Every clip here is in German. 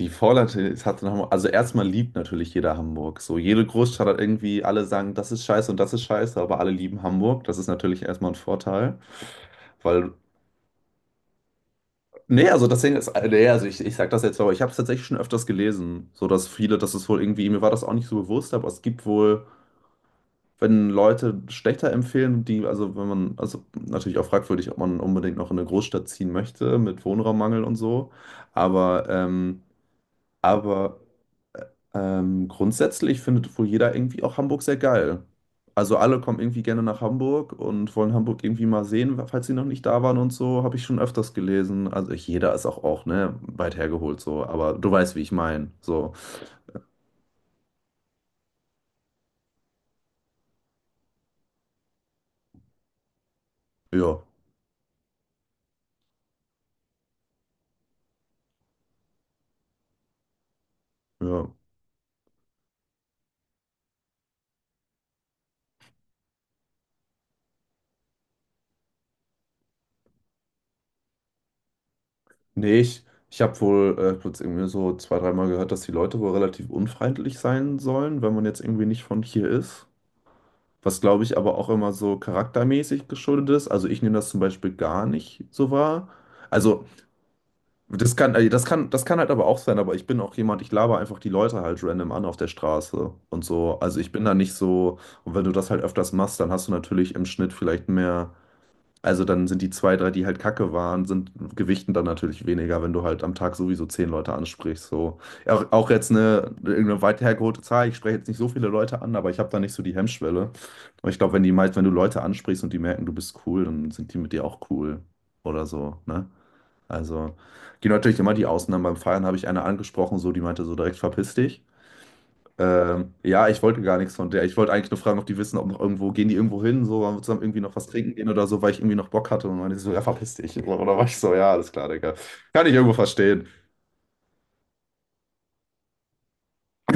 Die Vorland es hatte nochmal, also erstmal liebt natürlich jeder Hamburg. So, jede Großstadt hat irgendwie, alle sagen, das ist scheiße und das ist scheiße, aber alle lieben Hamburg. Das ist natürlich erstmal ein Vorteil, weil, nee, also das Ding ist, nee, also ich sag das jetzt, so, aber ich habe es tatsächlich schon öfters gelesen, so dass viele, das ist wohl irgendwie, mir war das auch nicht so bewusst, aber es gibt wohl, wenn Leute schlechter empfehlen, die, also wenn man, also natürlich auch fragwürdig, ob man unbedingt noch in eine Großstadt ziehen möchte mit Wohnraummangel und so, aber, ähm, aber grundsätzlich findet wohl jeder irgendwie auch Hamburg sehr geil. Also alle kommen irgendwie gerne nach Hamburg und wollen Hamburg irgendwie mal sehen, falls sie noch nicht da waren und so, habe ich schon öfters gelesen. Also ich, jeder ist auch, ne, weit hergeholt so, aber du weißt, wie ich meine. So, ja, ja. Nee, ich habe wohl kurz irgendwie so zwei, dreimal gehört, dass die Leute wohl relativ unfreundlich sein sollen, wenn man jetzt irgendwie nicht von hier ist. Was, glaube ich, aber auch immer so charaktermäßig geschuldet ist. Also ich nehme das zum Beispiel gar nicht so wahr. Also, das kann halt aber auch sein, aber ich bin auch jemand, ich laber einfach die Leute halt random an auf der Straße und so. Also ich bin da nicht so, und wenn du das halt öfters machst, dann hast du natürlich im Schnitt vielleicht mehr, also dann sind die zwei, drei, die halt Kacke waren, sind gewichten dann natürlich weniger, wenn du halt am Tag sowieso 10 Leute ansprichst. So. Auch jetzt eine, irgendeine weit hergeholte Zahl, ich spreche jetzt nicht so viele Leute an, aber ich habe da nicht so die Hemmschwelle. Aber ich glaube, wenn die meist, wenn du Leute ansprichst und die merken, du bist cool, dann sind die mit dir auch cool oder so, ne? Also, gibt natürlich immer die Ausnahmen. Beim Feiern habe ich eine angesprochen, so, die meinte so direkt, verpiss dich. Ja, ich wollte gar nichts von der. Ich wollte eigentlich nur fragen, ob die wissen, ob noch irgendwo, gehen die irgendwo hin, so, wollen wir zusammen irgendwie noch was trinken gehen oder so, weil ich irgendwie noch Bock hatte. Und meinte sie so, ja, verpiss dich. Oder war ich so, ja, alles klar, Digga. Kann ich irgendwo verstehen.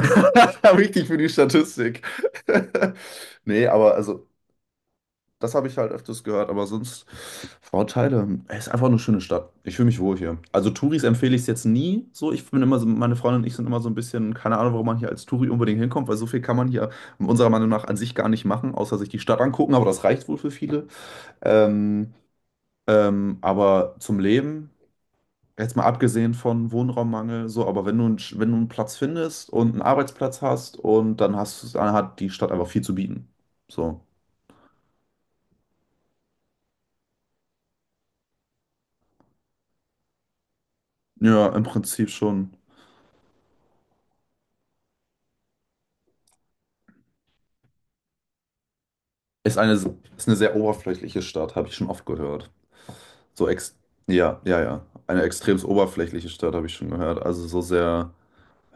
Wichtig für die Statistik. Nee, aber also, das habe ich halt öfters gehört, aber sonst Vorteile. Es ist einfach eine schöne Stadt. Ich fühle mich wohl hier. Also Touris empfehle ich es jetzt nie so. Ich bin immer so, meine Freundin und ich sind immer so ein bisschen, keine Ahnung, warum man hier als Touri unbedingt hinkommt, weil so viel kann man hier unserer Meinung nach an sich gar nicht machen, außer sich die Stadt angucken, aber das reicht wohl für viele. Ähm, aber zum Leben, jetzt mal abgesehen von Wohnraummangel, so, aber wenn du, wenn du einen Platz findest und einen Arbeitsplatz hast und dann hat die Stadt einfach viel zu bieten. So. Ja, im Prinzip schon. Ist eine sehr oberflächliche Stadt, habe ich schon oft gehört. So ex ja, ja, ja. Eine extrem oberflächliche Stadt habe ich schon gehört. Also so sehr,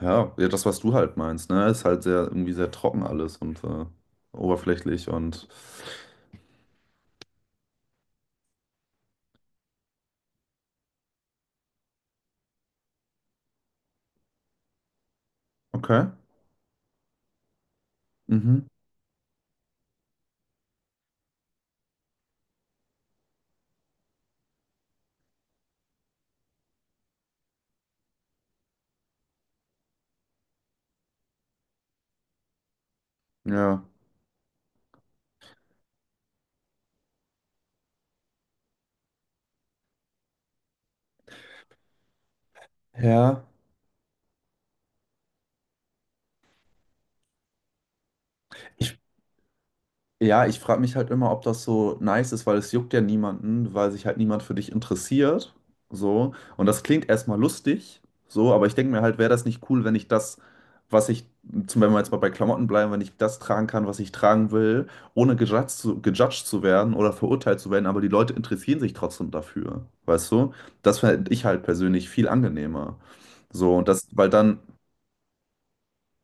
ja, ja, das, was du halt meinst, ne? Ist halt sehr, irgendwie sehr trocken alles und oberflächlich und okay. Mhm. Ja. Ja. Ich, Ja, ich frage mich halt immer, ob das so nice ist, weil es juckt ja niemanden, weil sich halt niemand für dich interessiert. So. Und das klingt erstmal lustig, so, aber ich denke mir halt, wäre das nicht cool, wenn ich das, was ich, zum Beispiel, wenn wir jetzt mal bei Klamotten bleiben, wenn ich das tragen kann, was ich tragen will, ohne gejudged zu werden oder verurteilt zu werden, aber die Leute interessieren sich trotzdem dafür. Weißt du? Das fände ich halt persönlich viel angenehmer. So, und das, weil dann,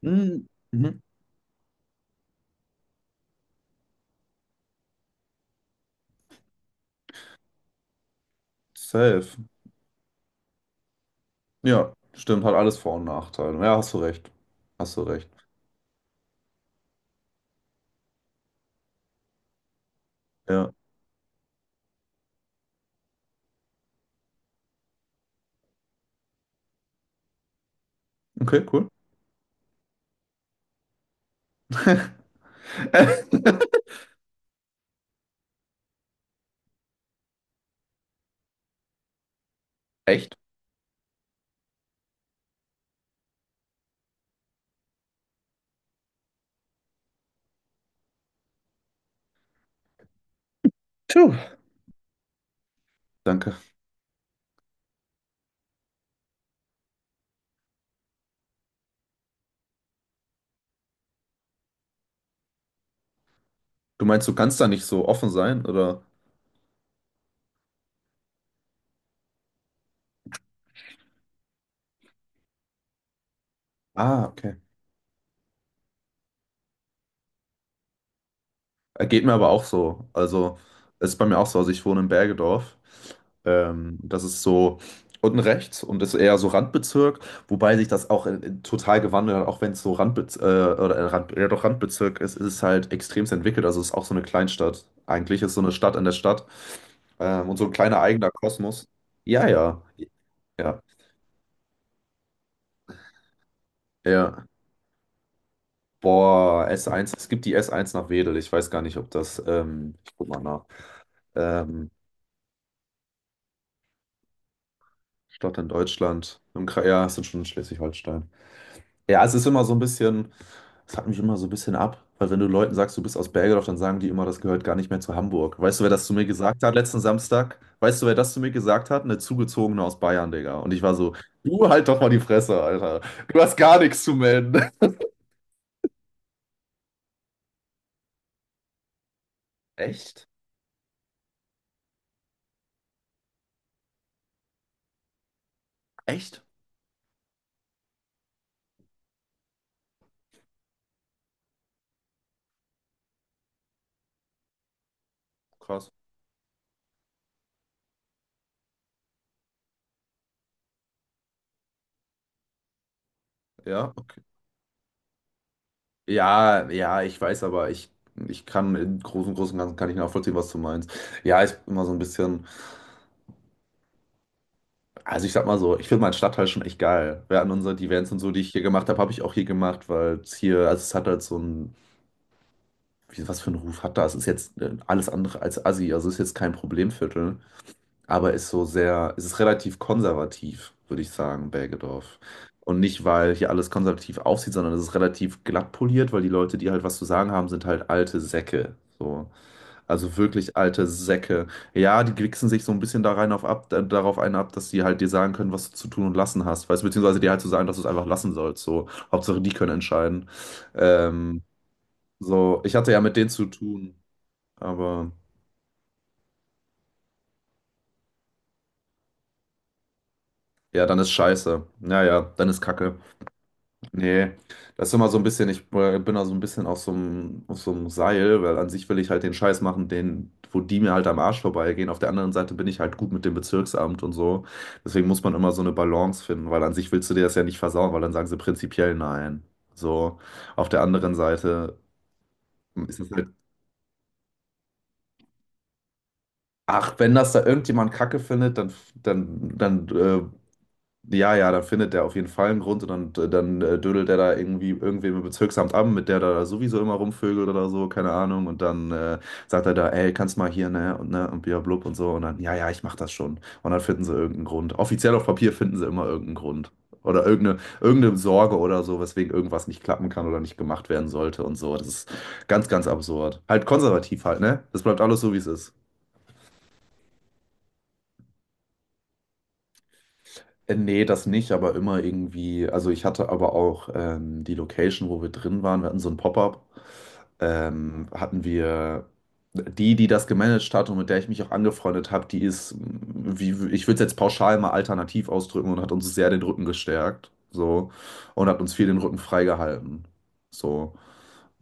mh, mh, safe. Ja, stimmt, hat alles Vor- und Nachteile. Ja, hast du recht. Hast du recht. Ja, okay, cool. Echt? Puh, danke. Du meinst, du kannst da nicht so offen sein, oder? Ah, okay. Geht mir aber auch so. Also, es ist bei mir auch so. Also, ich wohne in Bergedorf. Das ist so unten rechts und ist eher so Randbezirk, wobei sich das auch total gewandelt hat, auch wenn es so Randbez oder Rand ja, doch Randbezirk ist, ist es halt extremst entwickelt. Also, es ist auch so eine Kleinstadt. Eigentlich ist so eine Stadt in der Stadt, und so ein kleiner eigener Kosmos. Ja, ja. Ja, ja. Boah, S1, es gibt die S1 nach Wedel. Ich weiß gar nicht, ob das, ich guck mal nach. Ähm, Ich glaube, in Deutschland, im Kra ja, es sind schon in Schleswig-Holstein. Ja, es ist immer so ein bisschen, es hat mich immer so ein bisschen ab, weil wenn du Leuten sagst, du bist aus Bergedorf, dann sagen die immer, das gehört gar nicht mehr zu Hamburg. Weißt du, wer das zu mir gesagt hat letzten Samstag? Weißt du, wer das zu mir gesagt hat? Eine Zugezogene aus Bayern, Digga. Und ich war so, du halt doch mal die Fresse, Alter. Du hast gar nichts zu melden. Echt? Echt? Krass. Ja, okay. Ja, ja, ich weiß, aber ich kann im Großen und Ganzen kann ich nachvollziehen, was du meinst. Ja, ich bin immer so ein bisschen. Also ich sag mal so, ich finde meinen Stadtteil schon echt geil. Während unserer die Events und so, die ich hier gemacht habe, habe ich auch hier gemacht, weil es hier, also es hat halt so ein, wie, was für einen Ruf hat das? Es ist jetzt alles andere als Assi, also es ist jetzt kein Problemviertel, aber ist so sehr, es ist relativ konservativ, würde ich sagen, Bergedorf. Und nicht, weil hier alles konservativ aussieht, sondern es ist relativ glatt poliert, weil die Leute, die halt was zu sagen haben, sind halt alte Säcke. So. Also wirklich alte Säcke. Ja, die wichsen sich so ein bisschen da rein auf ab, darauf einen ab, dass die halt dir sagen können, was du zu tun und lassen hast. Weißt, du, beziehungsweise dir halt zu sagen, dass du es einfach lassen sollst. So, Hauptsache die können entscheiden. Ähm, so, ich hatte ja mit denen zu tun, aber ja, dann ist scheiße. Naja, dann ist Kacke. Nee, das ist immer so ein bisschen, ich bin da so ein bisschen auf so einem Seil, weil an sich will ich halt den Scheiß machen, den, wo die mir halt am Arsch vorbeigehen. Auf der anderen Seite bin ich halt gut mit dem Bezirksamt und so. Deswegen muss man immer so eine Balance finden, weil an sich willst du dir das ja nicht versauen, weil dann sagen sie prinzipiell nein. So, auf der anderen Seite ist es halt, ach, wenn das da irgendjemand Kacke findet, dann ja, ja, dann findet der auf jeden Fall einen Grund und dann dödelt der da irgendwie irgendwem im Bezirksamt an, mit der da sowieso immer rumvögelt oder so, keine Ahnung. Und dann sagt er da, ey, kannst mal hier, ne, und ne, und bia blub und so. Und dann, ja, ja, ich mach das schon. Und dann finden sie irgendeinen Grund. Offiziell auf Papier finden sie immer irgendeinen Grund. Oder irgendeine Sorge oder so, weswegen irgendwas nicht klappen kann oder nicht gemacht werden sollte und so. Das ist ganz, ganz absurd. Halt konservativ halt, ne? Das bleibt alles so, wie es ist. Nee, das nicht, aber immer irgendwie. Also ich hatte aber auch die Location, wo wir drin waren. Wir hatten so ein Pop-up. Hatten wir die, die das gemanagt hat und mit der ich mich auch angefreundet habe, die ist, wie, ich würde es jetzt pauschal mal alternativ ausdrücken und hat uns sehr den Rücken gestärkt. So. Und hat uns viel den Rücken freigehalten. So.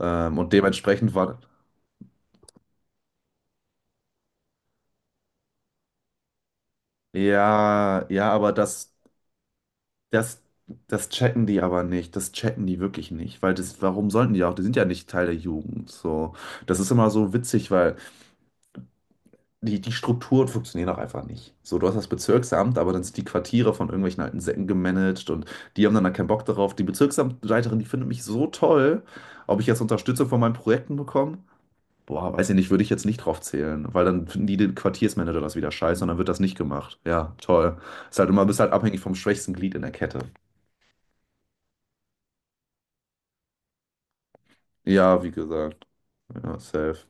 Und dementsprechend war. Ja, ja, aber das. Das, das checken die aber nicht, das checken die wirklich nicht, weil das, warum sollten die auch? Die sind ja nicht Teil der Jugend, so. Das ist immer so witzig, weil die Strukturen funktionieren auch einfach nicht. So, du hast das Bezirksamt, aber dann sind die Quartiere von irgendwelchen alten Säcken gemanagt und die haben dann da keinen Bock darauf. Die Bezirksamtleiterin, die findet mich so toll, ob ich jetzt Unterstützung von meinen Projekten bekomme? Boah, weiß ich nicht, würde ich jetzt nicht drauf zählen, weil dann finden die den Quartiersmanager das wieder scheiße und dann wird das nicht gemacht. Ja, toll. Ist halt immer, bist halt abhängig vom schwächsten Glied in der Kette. Ja, wie gesagt. Ja, safe.